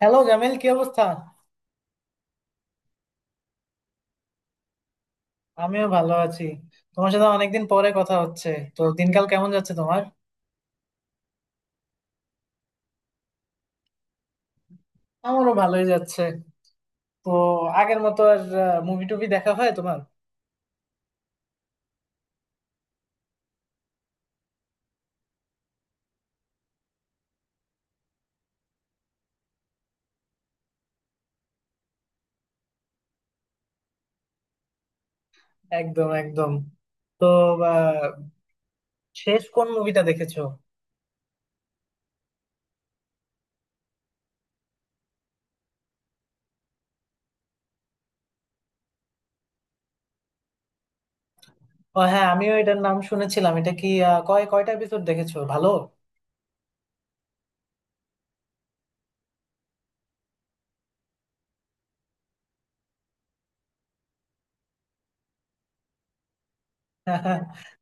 Hello Jamil, কি অবস্থা? আমিও ভালো আছি। তোমার সাথে অনেকদিন পরে কথা হচ্ছে। তো দিনকাল কেমন যাচ্ছে তোমার? আমারও ভালোই যাচ্ছে। তো আগের মতো আর মুভি টুভি দেখা হয় তোমার? একদম একদম। তো আহ, শেষ কোন মুভিটা দেখেছো? ও হ্যাঁ, আমিও এটার নাম শুনেছিলাম। এটা কি কয়টা এপিসোড দেখেছো? ভালো?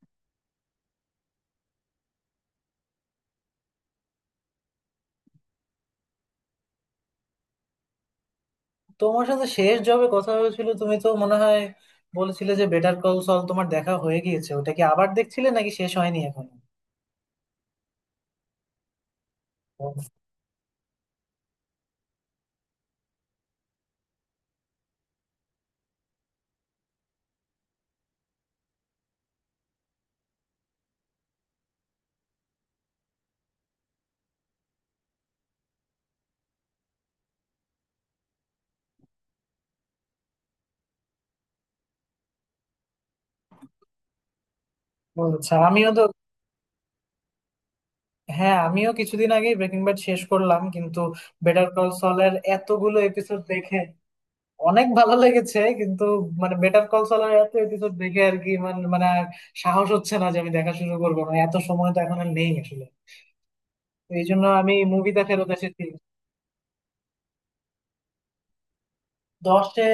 তোমার সাথে শেষ যবে কথা হয়েছিল তুমি তো মনে হয় বলেছিলে যে বেটার কল সল তোমার দেখা হয়ে গিয়েছে। ওটা কি আবার দেখছিলে নাকি শেষ হয়নি এখন? ও আচ্ছা। আমিও তো। হ্যাঁ, আমিও কিছুদিন আগে ব্রেকিং ব্যাড শেষ করলাম, কিন্তু বেটার কল সলের এতগুলো এপিসোড দেখে অনেক ভালো লেগেছে কিন্তু মানে বেটার কল সলের এত এপিসোড দেখে আর কি মানে মানে আর সাহস হচ্ছে না যে আমি দেখা শুরু করবো। মানে এত সময় তো এখন আর নেই আসলে। তো এই জন্য আমি মুভিটা ফেরত এসেছি। দশে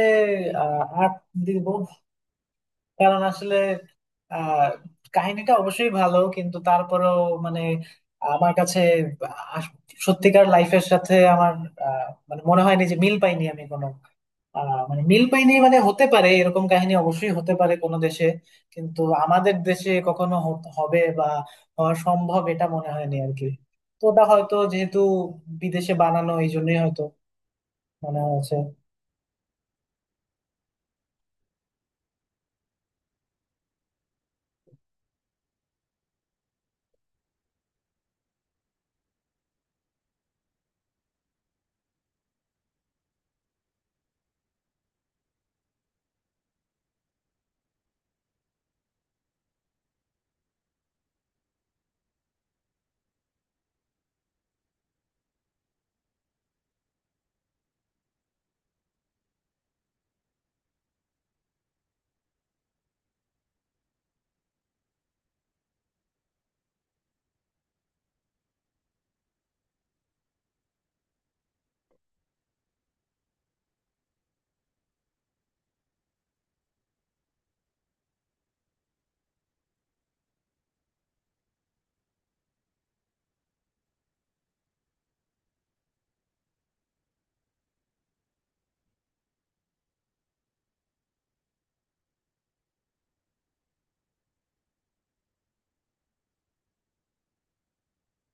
8 দিব। কারণ আসলে আহ কাহিনীটা অবশ্যই ভালো কিন্তু তারপরেও, মানে আমার কাছে আস- সত্যিকার লাইফের সাথে আমার, মানে মনে হয়নি যে, মিল পাইনি আমি কোনো, মানে মিল পাইনি। মানে হতে পারে, এরকম কাহিনী অবশ্যই হতে পারে কোনো দেশে, কিন্তু আমাদের দেশে কখনো হবে বা হওয়া সম্ভব এটা মনে হয়নি আর কি। তো ওটা হয়তো যেহেতু বিদেশে বানানো এই জন্যই হয়তো মনে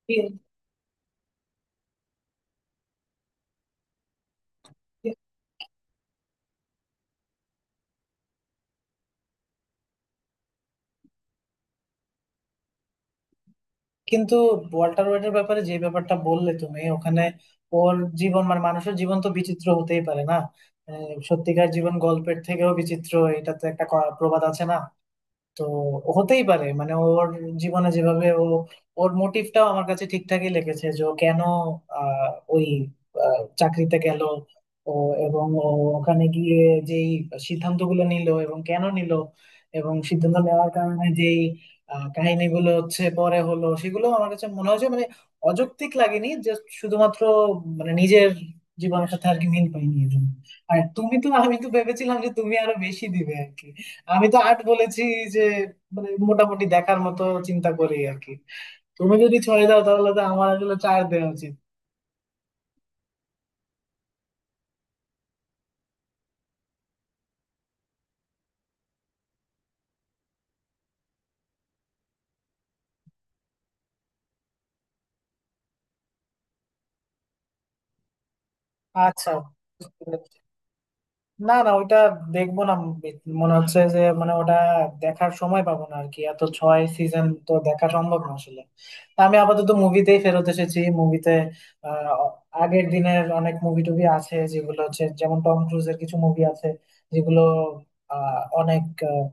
হয়েছে। কিন্তু ওয়াল্টার হোয়াইটের ব্যাপারে যে ব্যাপারটা বললে তুমি, ওখানে ওর জীবন মানে মানুষের জীবন তো বিচিত্র হতেই পারে না, মানে সত্যিকার জীবন গল্পের থেকেও বিচিত্র, এটা তো একটা প্রবাদ আছে না। তো হতেই পারে মানে ওর জীবনে যেভাবে ও, ওর মোটিভটাও আমার কাছে ঠিকঠাকই লেগেছে যে ও কেন আহ, ওই চাকরিতে গেল, ও এবং ও ওখানে গিয়ে যেই সিদ্ধান্তগুলো নিল এবং কেন নিল, এবং সিদ্ধান্ত নেওয়ার কারণে যেই কাহিনীগুলো হচ্ছে পরে হলো, সেগুলো আমার কাছে মনে হয়েছে মানে অযৌক্তিক লাগেনি। যে শুধুমাত্র মানে নিজের জীবনের সাথে আর কি মিল পাইনি এর জন্য। আর তুমি তো, আমি তো ভেবেছিলাম যে তুমি আরো বেশি দিবে আর কি। আমি তো আট বলেছি যে মানে মোটামুটি দেখার মতো চিন্তা করি আর কি। তুমি যদি 6 দাও তাহলে তো আমার আসলে 4 দেওয়া উচিত। আচ্ছা, না না ওইটা দেখবো না। মনে হচ্ছে যে মানে ওটা দেখার সময় পাবো না আর কি। এত 6 সিজন তো দেখা সম্ভব না আসলে। তা আমি আপাতত মুভিতেই ফেরত এসেছি। মুভিতে আগের দিনের অনেক মুভি টুভি আছে যেগুলো হচ্ছে, যেমন টম ক্রুজের কিছু মুভি আছে যেগুলো অনেক আহ,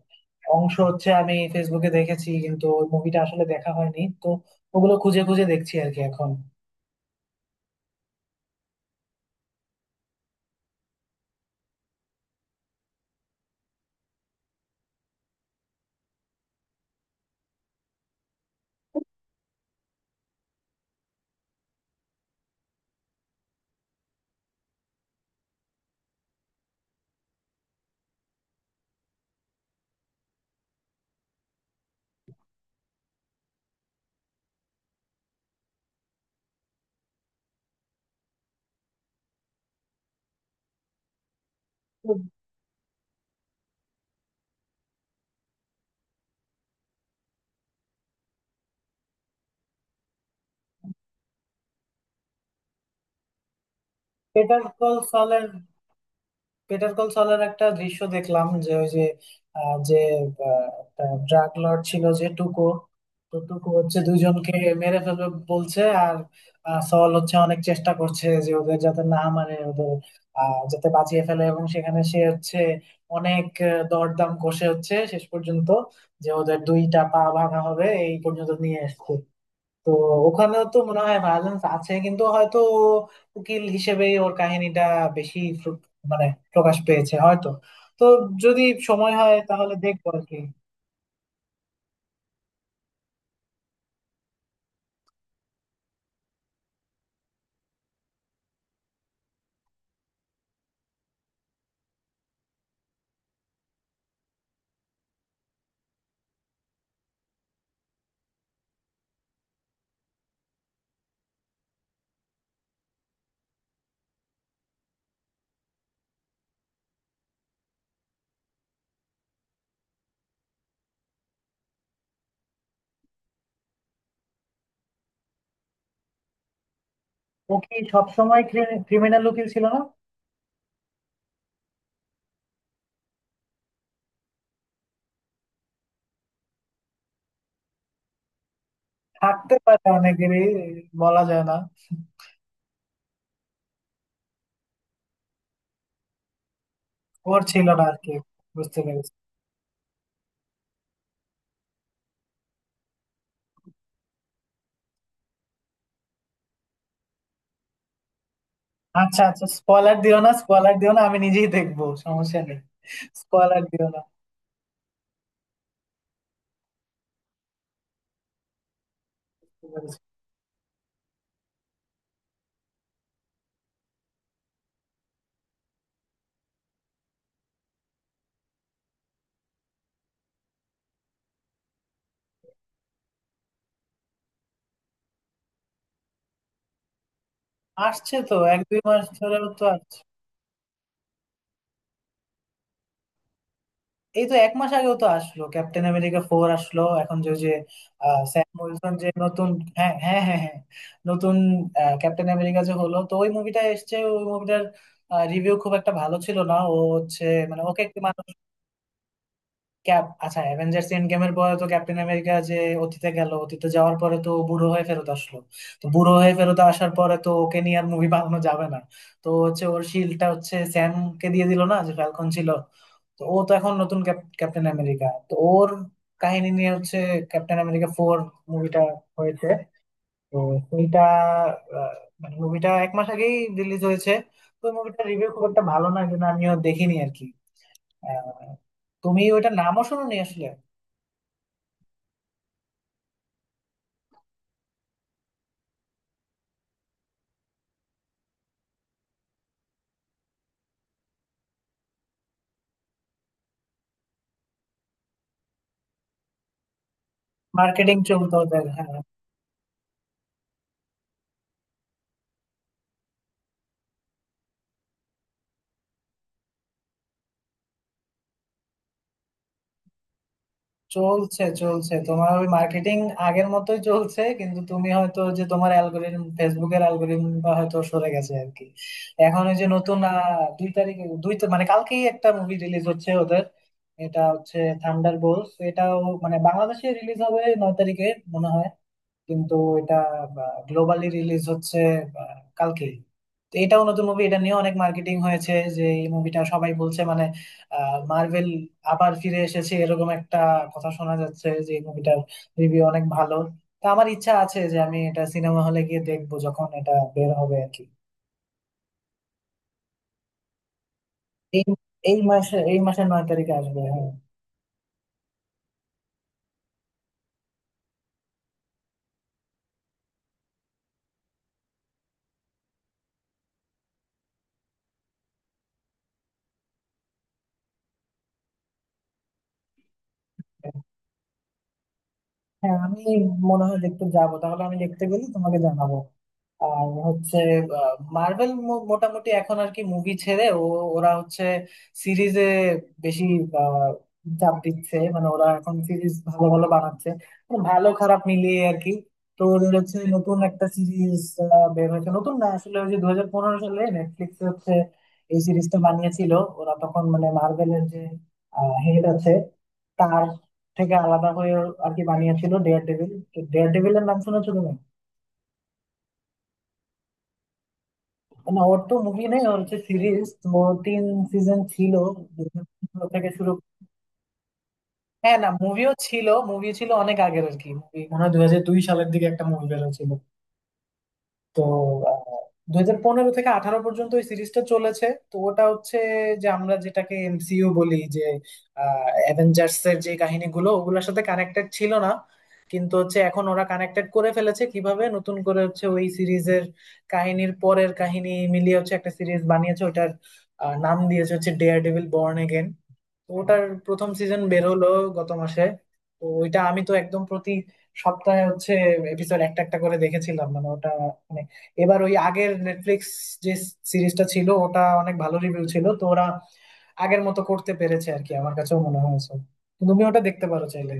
অংশ হচ্ছে আমি ফেসবুকে দেখেছি কিন্তু ওই মুভিটা আসলে দেখা হয়নি। তো ওগুলো খুঁজে খুঁজে দেখছি আর কি এখন। বেটার কল, পেটার কল সলের একটা দৃশ্য দেখলাম, যে ওই যে যে ড্রাগ লর্ড ছিল যে টুকো, তো টুকো হচ্ছে দুইজনকে মেরে ফেলবে বলছে, আর সল হচ্ছে অনেক চেষ্টা করছে যে ওদের যাতে না মারে, ওদের যাতে বাঁচিয়ে ফেলে, এবং সেখানে সে হচ্ছে অনেক দরদাম কষে হচ্ছে শেষ পর্যন্ত যে ওদের দুইটা পা ভাঙা হবে এই পর্যন্ত নিয়ে এসছে। তো ওখানেও তো মনে হয় ভায়োলেন্স আছে কিন্তু হয়তো উকিল হিসেবেই ওর কাহিনীটা বেশি মানে প্রকাশ পেয়েছে হয়তো। তো যদি সময় হয় তাহলে দেখবো আর কি। ও কি সবসময় ক্রিমিনাল উকিল ছিল না? থাকতে পারে অনেকেরই, বলা যায় না। ওর ছিল না আর কি। বুঝতে পেরেছি। আচ্ছা আচ্ছা, স্পয়লার দিও না, স্পয়লার দিও না, আমি নিজেই দেখবো সমস্যা নেই। স্পয়লার দিও না। বুঝতে পেরেছি। আসছে তো, 1-2 মাস ধরেও তো এই তো 1 মাস আগেও তো আসলো ক্যাপ্টেন আমেরিকা ফোর। আসলো এখন যে যে স্যাম উইলসন যে নতুন, হ্যাঁ হ্যাঁ হ্যাঁ হ্যাঁ, নতুন ক্যাপ্টেন আমেরিকা যে হলো, তো ওই মুভিটা এসছে। ওই মুভিটার রিভিউ খুব একটা ভালো ছিল না। ও হচ্ছে মানে ওকে একটু মানুষ, আচ্ছা, অ্যাভেঞ্জার্স এন্ড গেমের পরে তো ক্যাপ্টেন আমেরিকা যে অতীতে গেল, অতীতে যাওয়ার পরে তো ও বুড়ো হয়ে ফেরত আসলো। তো বুড়ো হয়ে ফেরত আসার পরে তো ওকে নিয়ে আর মুভি বানানো যাবে না। তো হচ্ছে ওর শিল্ডটা হচ্ছে স্যামকে দিয়ে দিল না, যে ফ্যালকন ছিল। তো ও তো এখন নতুন ক্যাপ্টেন আমেরিকা, তো ওর কাহিনী নিয়ে হচ্ছে ক্যাপ্টেন আমেরিকা ফোর মুভিটা হয়েছে। তো সেইটা আহ, মানে মুভিটা 1 মাস আগেই রিলিজ হয়েছে। তো মুভিটা রিভিউ খুব একটা ভালো না, কিন্তু আমিও দেখিনি আর কি। আহ, তুমি ওইটা নামও শুনোনি আসলে। মার্কেটিং চলতো ওদের, হ্যাঁ। চলছে চলছে তোমার ওই মার্কেটিং আগের মতোই চলছে, কিন্তু তুমি হয়তো, যে তোমার অ্যালগোরিদম, ফেসবুকের অ্যালগোরিদমটা হয়তো সরে গেছে আর কি। এখন ওই যে নতুন 2 তারিখে, মানে কালকেই একটা মুভি রিলিজ হচ্ছে ওদের। এটা হচ্ছে থান্ডার বোলস। এটাও মানে বাংলাদেশে রিলিজ হবে 9 তারিখে, মনে হয়। কিন্তু এটা গ্লোবালি রিলিজ হচ্ছে কালকেই। তো এটাও নতুন মুভি, এটা নিয়ে অনেক মার্কেটিং হয়েছে যে এই মুভিটা, সবাই বলছে মানে মার্ভেল আবার ফিরে এসেছে, এরকম একটা কথা শোনা যাচ্ছে যে এই মুভিটার রিভিউ অনেক ভালো। তা আমার ইচ্ছা আছে যে আমি এটা সিনেমা হলে গিয়ে দেখবো যখন এটা বের হবে আর কি। এই এই মাসে, এই মাসের 9 তারিখে আসবে, হ্যাঁ। হ্যাঁ আমি মনে হয় দেখতে যাবো তাহলে। আমি দেখতে গেলে তোমাকে জানাবো। আর হচ্ছে মার্বেল মোটামুটি এখন আর কি মুভি ছেড়ে ও, ওরা হচ্ছে সিরিজে বেশি আহ, চাপ দিচ্ছে মানে, ওরা এখন সিরিজ ভালো ভালো বানাচ্ছে। তো ভালো খারাপ মিলিয়ে আর কি। তো ওদের হচ্ছে নতুন একটা সিরিজ বের হয়েছে, নতুন না আসলে, ওই যে 2015 সালে নেটফ্লিক্সে হচ্ছে এই সিরিজটা বানিয়েছিল ওরা তখন, মানে মার্বেলের যে হেড আছে তার থেকে আলাদা হয়ে আর কি বানিয়েছিল, ডেয়ার ডেভিল। ডেয়ার ডেভিলের নাম শুনেছো তুমি? না ওর তো মুভি নেই, ওর হচ্ছে সিরিজ। ও 3 সিজন ছিল। 2015 থেকে শুরু। হ্যাঁ না মুভিও ছিল, মুভি ছিল অনেক আগের আর কি, মুভি মনে হয় 2002 সালের দিকে একটা মুভি বের হয়েছিল। তো 2015 থেকে 2018 পর্যন্ত এই সিরিজটা চলেছে। তো ওটা হচ্ছে যে আমরা যেটাকে এমসিইউ বলি, যে অ্যাভেঞ্জার্স এর যে কাহিনীগুলো, ওগুলোর সাথে কানেক্টেড ছিল না। কিন্তু হচ্ছে এখন ওরা কানেক্টেড করে ফেলেছে, কিভাবে নতুন করে হচ্ছে ওই সিরিজের কাহিনীর পরের কাহিনী মিলিয়ে হচ্ছে একটা সিরিজ বানিয়েছে। ওটার নাম দিয়েছে হচ্ছে ডেয়ার ডেভিল বর্ন। তো ওটার প্রথম সিজন বের হলো গত মাসে। তো ওইটা আমি তো একদম প্রতি সপ্তাহে হচ্ছে এপিসোড একটা একটা করে দেখেছিলাম, মানে ওটা মানে, এবার ওই আগের নেটফ্লিক্স যে সিরিজটা ছিল ওটা অনেক ভালো রিভিউ ছিল, তো ওরা আগের মতো করতে পেরেছে আর কি, আমার কাছেও মনে হয়েছে। তুমি ওটা দেখতে পারো চাইলে।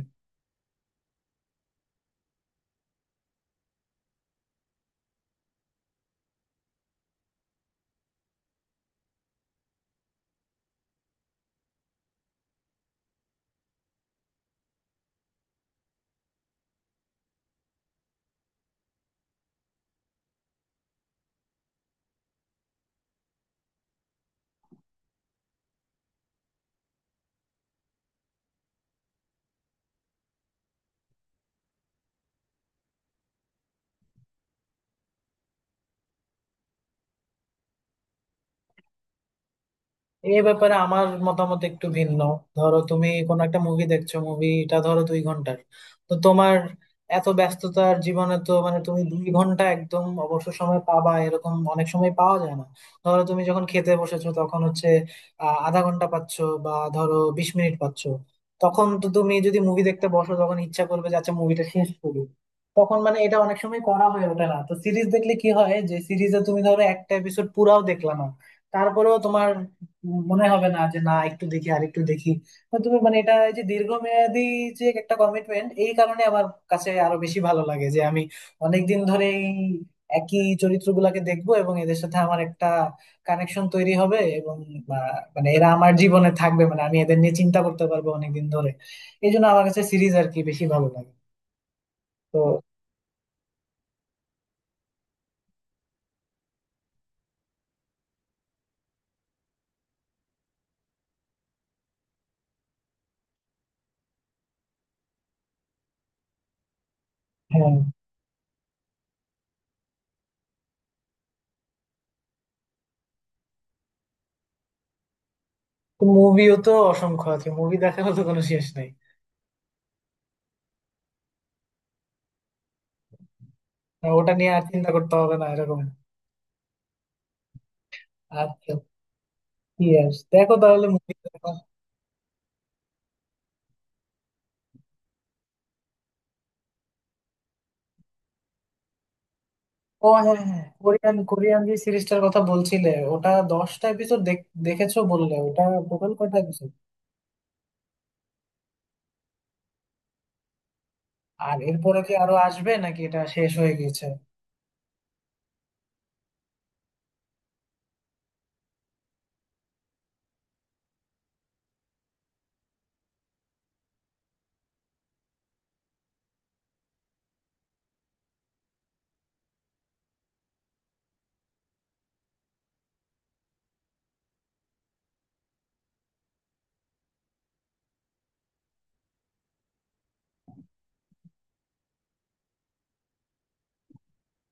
এ ব্যাপারে আমার মতামত একটু ভিন্ন। ধরো তুমি কোনো একটা মুভি দেখছো, মুভিটা ধরো 2 ঘন্টার, তো তোমার এত ব্যস্ততার জীবনে তো মানে তুমি 2 ঘন্টা একদম অবসর সময় পাবা, এরকম অনেক সময় পাওয়া যায় না। ধরো তুমি যখন খেতে বসেছো তখন হচ্ছে আধা ঘন্টা পাচ্ছো বা ধরো 20 মিনিট পাচ্ছো, তখন তো তুমি যদি মুভি দেখতে বসো তখন ইচ্ছা করবে যে আচ্ছা মুভিটা শেষ করি, তখন মানে এটা অনেক সময় করা হয়ে ওঠে না। তো সিরিজ দেখলে কি হয় যে, সিরিজে তুমি ধরো একটা এপিসোড পুরাও দেখলা না, তারপরেও তোমার মনে হবে না যে না একটু দেখি আর একটু দেখি। তো তুমি মানে এটা এই যে দীর্ঘমেয়াদী যে একটা কমিটমেন্ট, এই কারণে আমার কাছে আরো বেশি ভালো লাগে যে আমি অনেকদিন ধরে এই একই চরিত্রগুলাকে দেখবো এবং এদের সাথে আমার একটা কানেকশন তৈরি হবে এবং বা, মানে এরা আমার জীবনে থাকবে, মানে আমি এদের নিয়ে চিন্তা করতে পারবো অনেকদিন ধরে। এই জন্য আমার কাছে সিরিজ আর কি বেশি ভালো লাগে। তো হ্যাঁ, মুভিও তো অসংখ্য আছে, মুভি দেখারও তো কোনো শেষ নাই। ওটা নিয়ে আর চিন্তা করতে হবে না এরকম। আচ্ছা। ইয়েস, দেখো তাহলে মুভি। ও হ্যাঁ হ্যাঁ, কোরিয়ান কোরিয়ান যে সিরিজটার কথা বলছিলে ওটা 10টা এপিসোড দেখেছো বললে, ওটা টোটাল কয়টা এপিসোড? আর এরপরে কি আরো আসবে নাকি এটা শেষ হয়ে গেছে?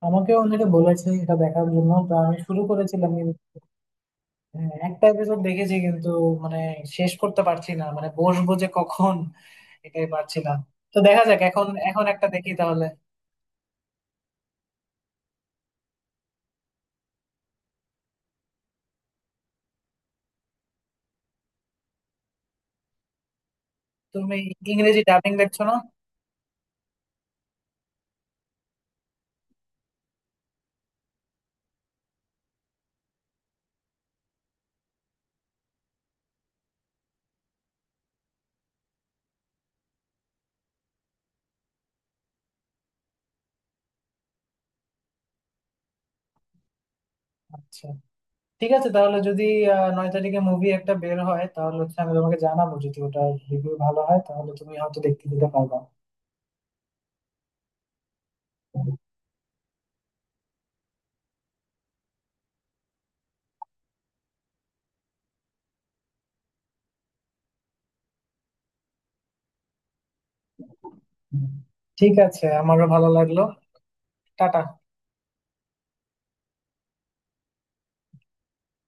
আমাকে অনেকে বলেছে এটা দেখার জন্য, তো আমি শুরু করেছিলাম কিন্তু, হ্যাঁ, একটা এপিসোড দেখেছি কিন্তু মানে শেষ করতে পারছি না, মানে বসবো যে কখন, এটাই পারছিলাম। তো দেখা যাক, এখন এখন একটা দেখি তাহলে। তুমি ইংরেজি ডাবিং দেখছো না? আচ্ছা ঠিক আছে, তাহলে যদি 9 তারিখে মুভি একটা বের হয় তাহলে হচ্ছে আমি তোমাকে জানাবো, যদি ওটা রিভিউ ভালো হয় তাহলে তুমি হয়তো দেখতে যেতে পারবা। ঠিক আছে, আমারও ভালো লাগলো। টাটা।